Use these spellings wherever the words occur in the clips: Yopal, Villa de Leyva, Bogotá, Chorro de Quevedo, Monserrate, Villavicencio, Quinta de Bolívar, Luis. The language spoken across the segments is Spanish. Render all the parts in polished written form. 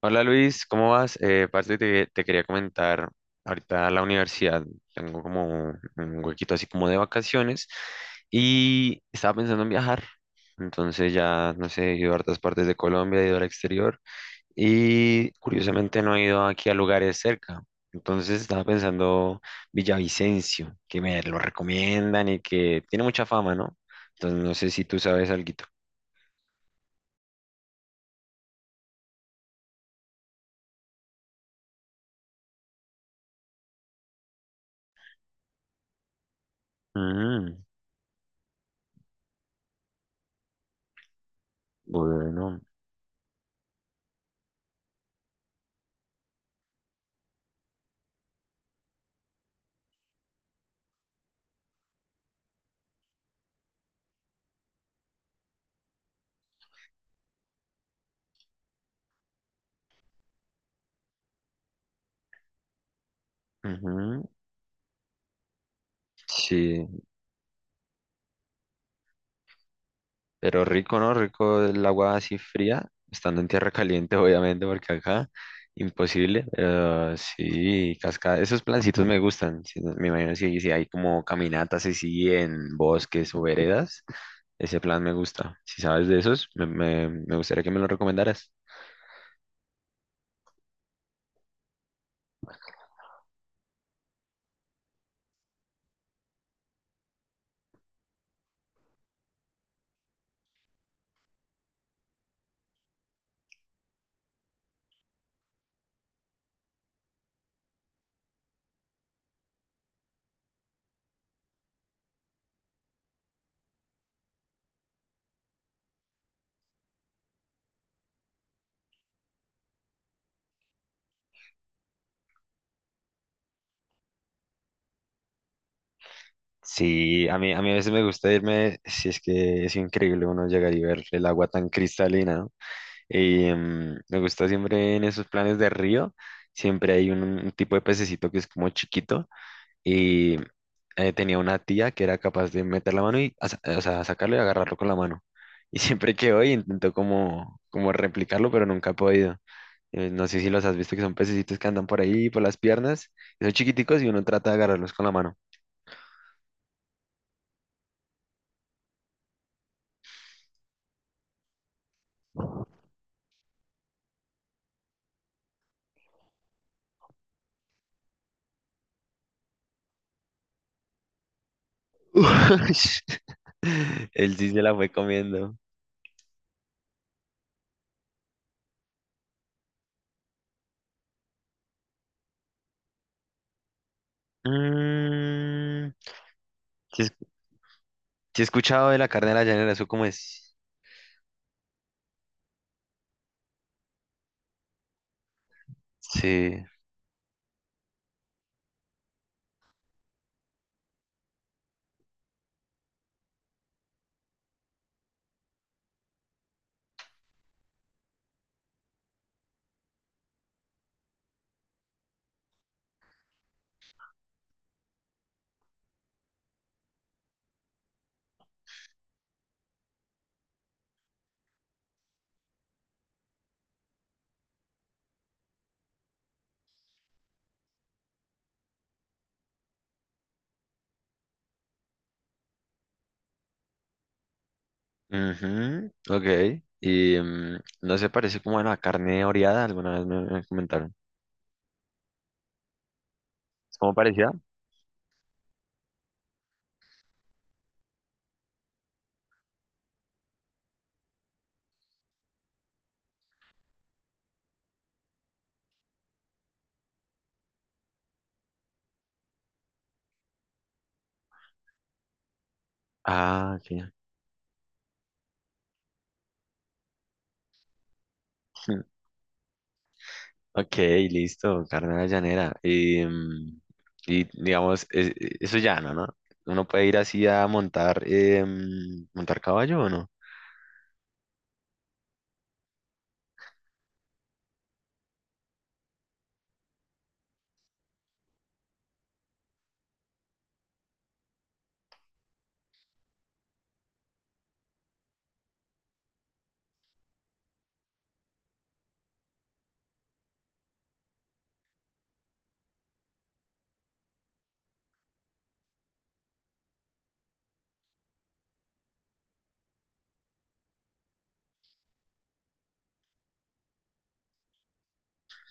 Hola Luis, ¿cómo vas? Parce, te quería comentar, ahorita a la universidad tengo como un huequito así como de vacaciones y estaba pensando en viajar. Entonces ya, no sé, he ido a hartas partes de Colombia, he ido al exterior y curiosamente no he ido aquí a lugares cerca. Entonces estaba pensando Villavicencio, que me lo recomiendan y que tiene mucha fama, ¿no? Entonces no sé si tú sabes alguito. Mm, bueno, ujú, sí. Pero rico, ¿no? Rico el agua así fría, estando en tierra caliente, obviamente, porque acá imposible. Pero sí, cascada. Esos plancitos me gustan. Sí, me imagino si hay como caminatas así en bosques o veredas. Ese plan me gusta. Si sabes de esos, me gustaría que me lo recomendaras. Sí, a mí a veces me gusta irme, si es que es increíble uno llegar y ver el agua tan cristalina. Y, me gusta siempre en esos planes de río, siempre hay un tipo de pececito que es como chiquito y tenía una tía que era capaz de meter la mano y o sea, sacarlo y agarrarlo con la mano. Y siempre quedó y intentó como replicarlo, pero nunca he podido. No sé si los has visto, que son pececitos que andan por ahí, por las piernas, y son chiquiticos y uno trata de agarrarlos con la mano. Él sí se la fue comiendo. Mm, sí, es. Sí he escuchado de la carne de la llanera, ¿eso cómo es? Sí. Ujú, ok. Y mm, no se parece como bueno, a la carne oreada, alguna vez me comentaron. ¿Es como parecida? Ah, ok. Ok, listo, carne de la llanera. Y, mm, y, digamos, eso es no, ¿no? Uno puede ir así a montar, montar caballo o no.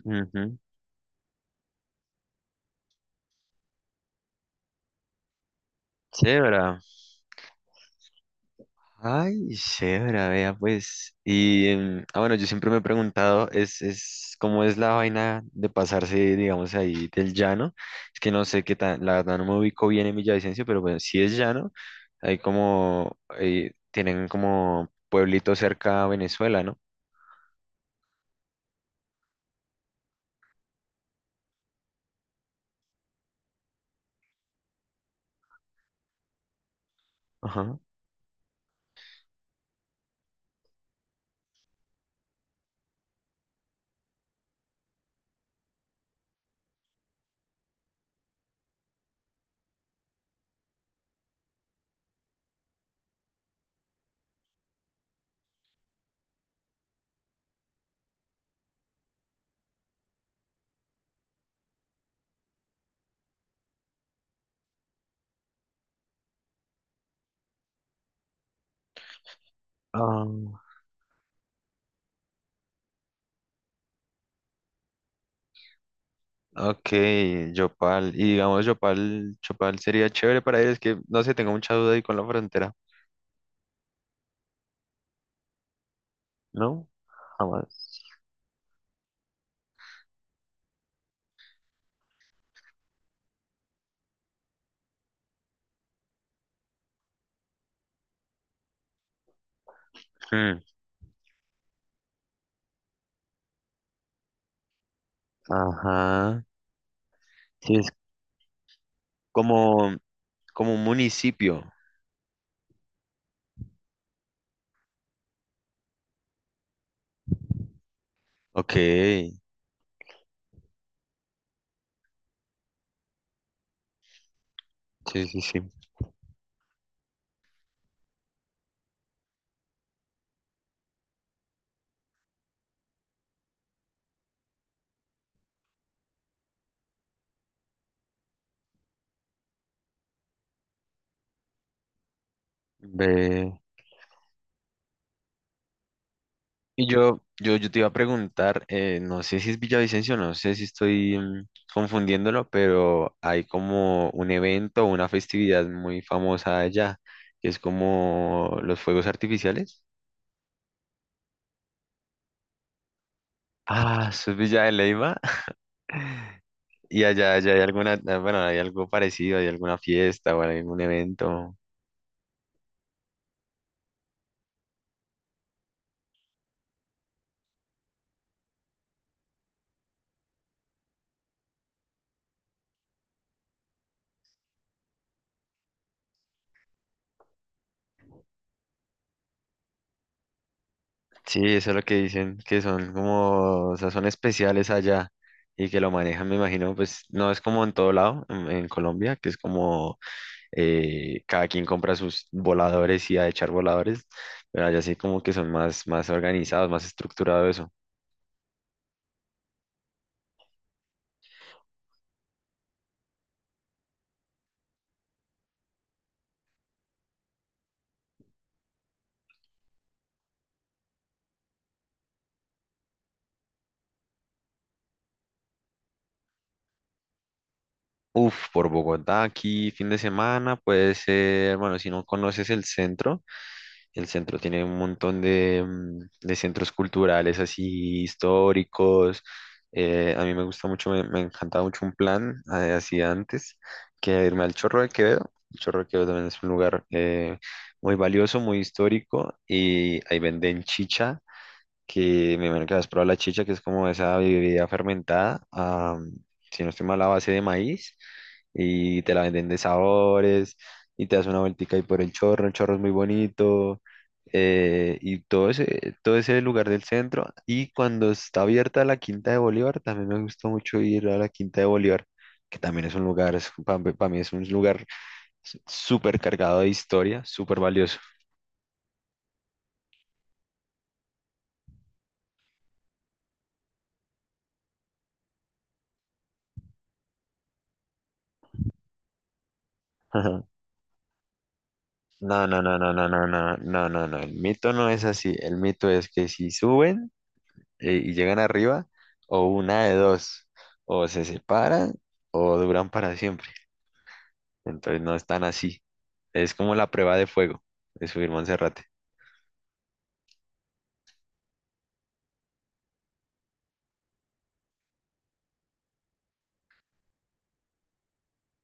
Ujú. Chévere. Ay, chévere, vea, pues. Y bueno, yo siempre me he preguntado, es, ¿cómo es la vaina de pasarse, digamos, ahí del llano? Es que no sé qué tan, la verdad no me ubico bien en Villavicencio, pero bueno, si es llano, hay como, tienen como pueblito cerca a Venezuela, ¿no? Ajá. Ah, ok, Yopal. Y digamos, Yopal sería chévere para ir, es que, no sé, tengo mucha duda ahí con la frontera, ¿no? Jamás. Hmm, ajá. Sí, como, como un municipio. Ok, sí, sí, sí. Ve. Y yo te iba a preguntar, no sé si es Villavicencio, no sé si estoy confundiéndolo, pero hay como un evento, una festividad muy famosa allá, que es como los fuegos artificiales. Ah, eso es Villa de Leyva. Y allá hay alguna, ah, bueno, hay algo parecido, hay alguna fiesta o algún evento. Sí, eso es lo que dicen, que son como, o sea, son especiales allá y que lo manejan, me imagino, pues no es como en todo lado, en Colombia, que es como cada quien compra sus voladores y a echar voladores, pero allá sí como que son más, más organizados, más estructurado eso. Uf, por Bogotá, aquí fin de semana puede ser, bueno, si no conoces el centro. El centro tiene un montón de, mm, de centros culturales así históricos. A mí me gusta mucho, me encantaba mucho un plan así antes que irme al Chorro de Quevedo. El Chorro de Quevedo también es un lugar muy valioso, muy histórico y ahí venden chicha, que me imagino que has probado la chicha, que es como esa bebida fermentada, ah, si no estoy mal, a base de maíz, y te la venden de sabores, y te das una vueltica ahí por el chorro es muy bonito, y todo ese lugar del centro, y cuando está abierta la Quinta de Bolívar, también me gusta mucho ir a la Quinta de Bolívar, que también es un lugar, para mí es un lugar súper cargado de historia, súper valioso. No, no, no, no, no, no, no, no, no, no. El mito no es así. El mito es que si suben y llegan arriba, o una de dos, o se separan o duran para siempre. Entonces no es tan así. Es como la prueba de fuego de subir Monserrate.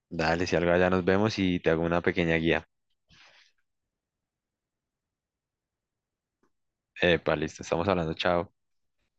Dale, si algo allá nos vemos y te hago una pequeña guía. Epa, listo, estamos hablando, chao.